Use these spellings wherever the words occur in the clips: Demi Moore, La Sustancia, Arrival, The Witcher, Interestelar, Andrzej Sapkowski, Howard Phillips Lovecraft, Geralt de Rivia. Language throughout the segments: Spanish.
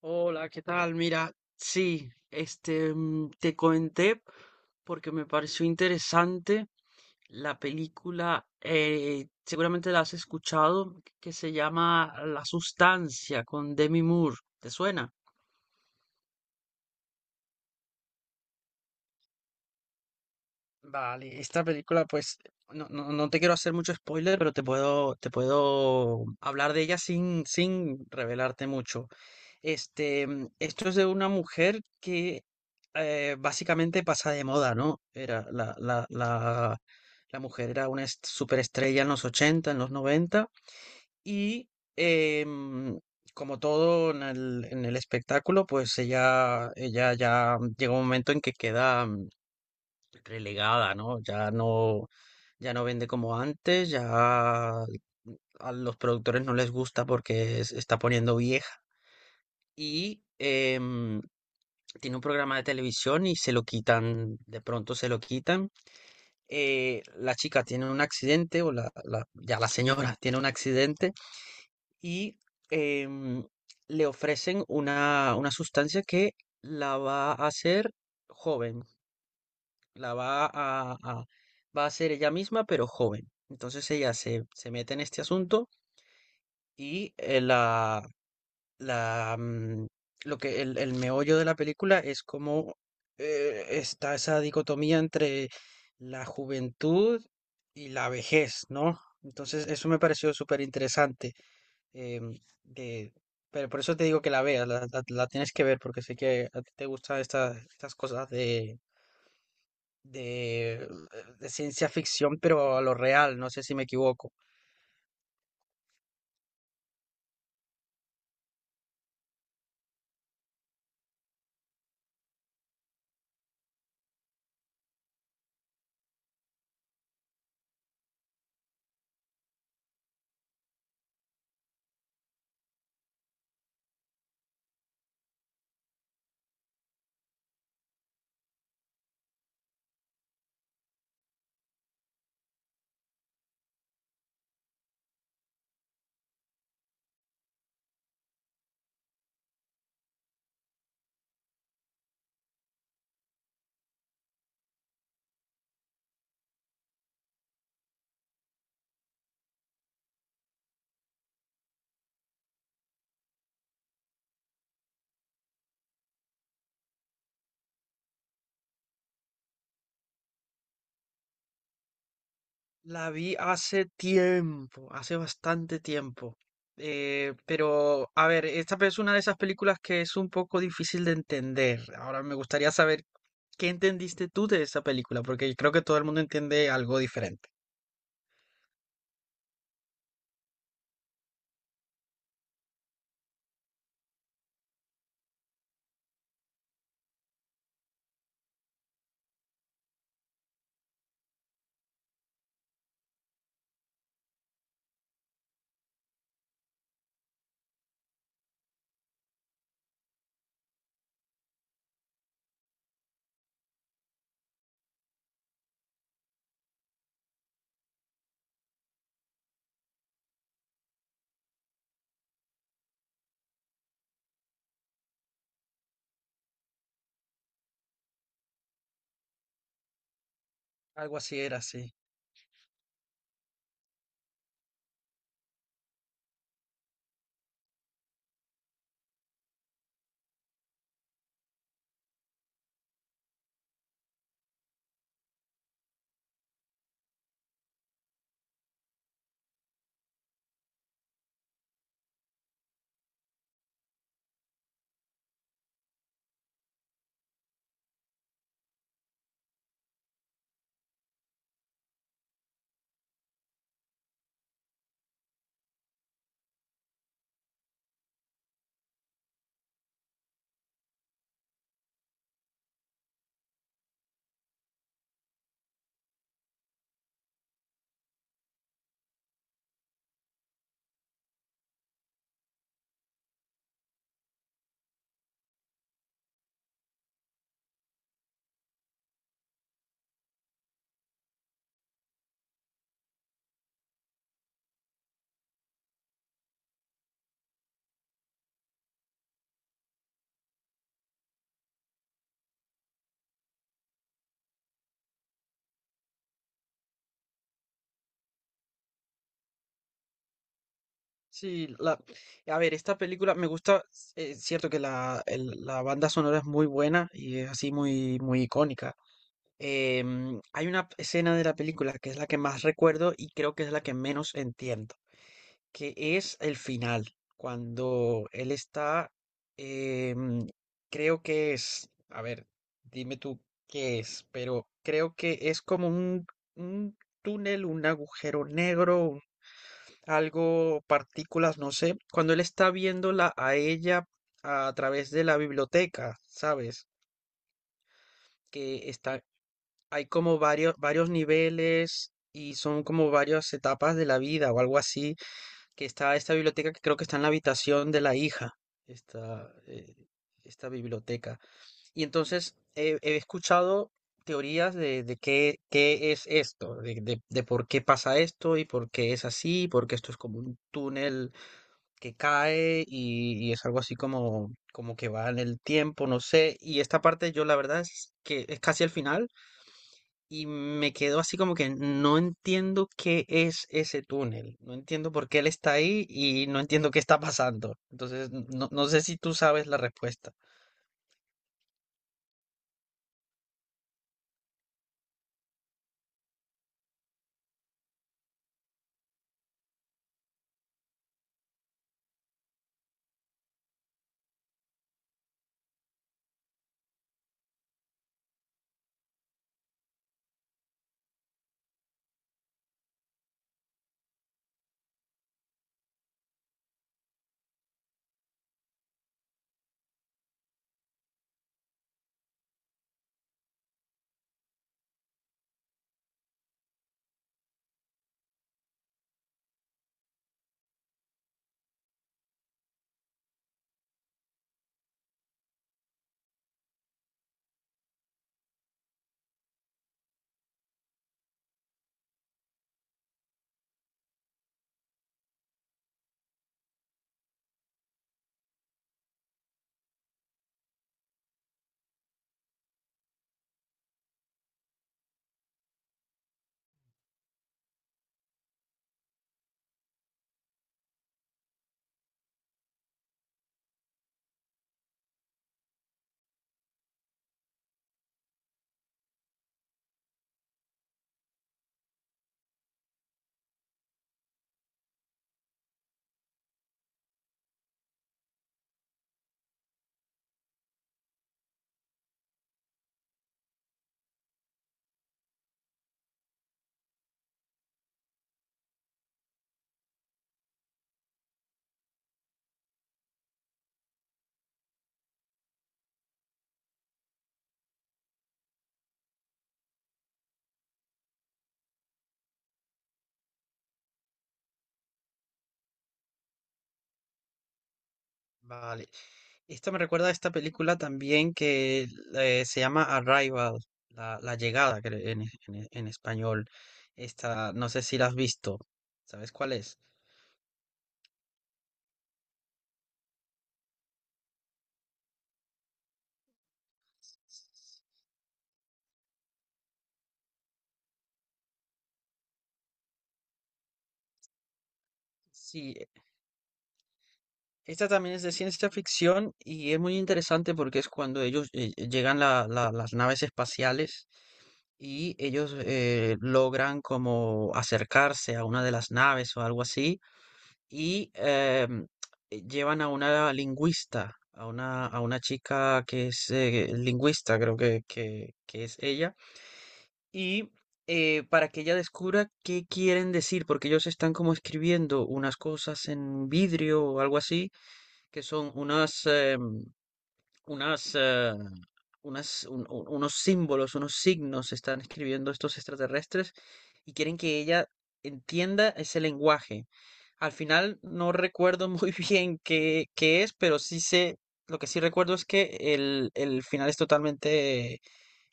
Hola, ¿qué tal? Mira, sí, te comenté porque me pareció interesante la película, seguramente la has escuchado, que se llama La Sustancia con Demi Moore. ¿Te suena? Vale, esta película, pues, no, no, no te quiero hacer mucho spoiler, pero te puedo hablar de ella sin revelarte mucho. Esto es de una mujer que básicamente pasa de moda, ¿no? Era la mujer era una superestrella en los 80 en los 90 y eh, mm, como todo en el espectáculo, pues ella ya llega un momento en que queda, relegada, ¿no? Ya no, ya no vende como antes, ya a los productores no les gusta porque se está poniendo vieja. Y tiene un programa de televisión y se lo quitan, de pronto se lo quitan. La chica tiene un accidente, ya la señora tiene un accidente, y em, le ofrecen una sustancia que la va a hacer joven, la va a- va a ser ella misma, pero joven. Entonces ella se mete en este asunto y la, mm, lo que el meollo de la película es como está esa dicotomía entre la juventud y la vejez, ¿no? Entonces eso me pareció súper interesante. em, de- pero por eso te digo que la veas, la tienes que ver, porque sé que a ti te gustan estas cosas de de, de ciencia ficción, pero a lo real, no sé si me equivoco. La vi hace tiempo, hace bastante tiempo. Pero, a ver, esta es una de esas películas que es un poco difícil de entender. Ahora me gustaría saber qué entendiste tú de esa película, porque creo que todo el mundo entiende algo diferente. Algo así era, sí. Sí, la, a ver, esta película me gusta, es cierto que la banda sonora es muy buena y es así muy, muy icónica. Hay una escena de la película que es la que más recuerdo y creo que es la que menos entiendo, que es el final, cuando él está, em, creo que es, a ver, dime tú qué es, pero creo que es como un túnel, un agujero negro, algo, partículas, no sé, cuando él está viéndola a ella a través de la biblioteca, ¿sabes? Que está, hay como varios niveles y son como varias etapas de la vida o algo así, que está esta biblioteca que creo que está en la habitación de la hija, esta, esta biblioteca. Y entonces he escuchado teorías de qué es esto, de por qué pasa esto y por qué es así, porque esto es como un túnel que cae y es algo así como, como que va en el tiempo, no sé. Y esta parte yo la verdad es que es casi al final y me quedo así como que no entiendo qué es ese túnel, no entiendo por qué él está ahí y no entiendo qué está pasando. Entonces, no, no sé si tú sabes la respuesta. Vale. Esto me recuerda a esta película también que se llama Arrival, la llegada creo, en, en español. Esta, no sé si la has visto. ¿Sabes cuál es? Sí, esta también es de ciencia ficción y es muy interesante porque es cuando ellos llegan las naves espaciales y ellos logran como acercarse a una de las naves o algo así y llevan a una lingüista, a una chica que es lingüista, creo que, que es ella, y para que ella descubra qué quieren decir, porque ellos están como escribiendo unas cosas en vidrio o algo así que son unas, unas, eh, unos símbolos, unos signos están escribiendo estos extraterrestres y quieren que ella entienda ese lenguaje. Al final no recuerdo muy bien qué, qué es, pero sí sé, lo que sí recuerdo es que el final es totalmente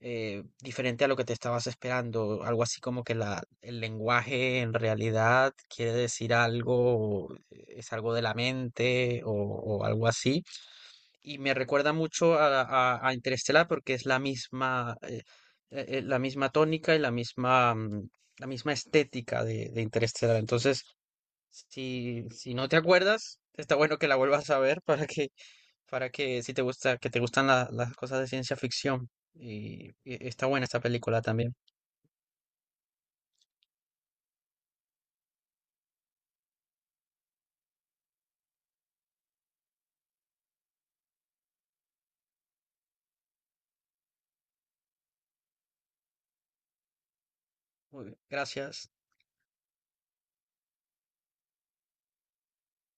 diferente a lo que te estabas esperando. Algo así como que la, el lenguaje en realidad quiere decir algo, es algo de la mente o algo así y me recuerda mucho a, a Interestelar porque es la misma tónica y la misma, la misma estética de Interestelar. Entonces, si, si no te acuerdas, está bueno que la vuelvas a ver para que si te gusta, que te gustan las cosas de ciencia ficción. Y está buena esta película también. Muy bien, Gracias.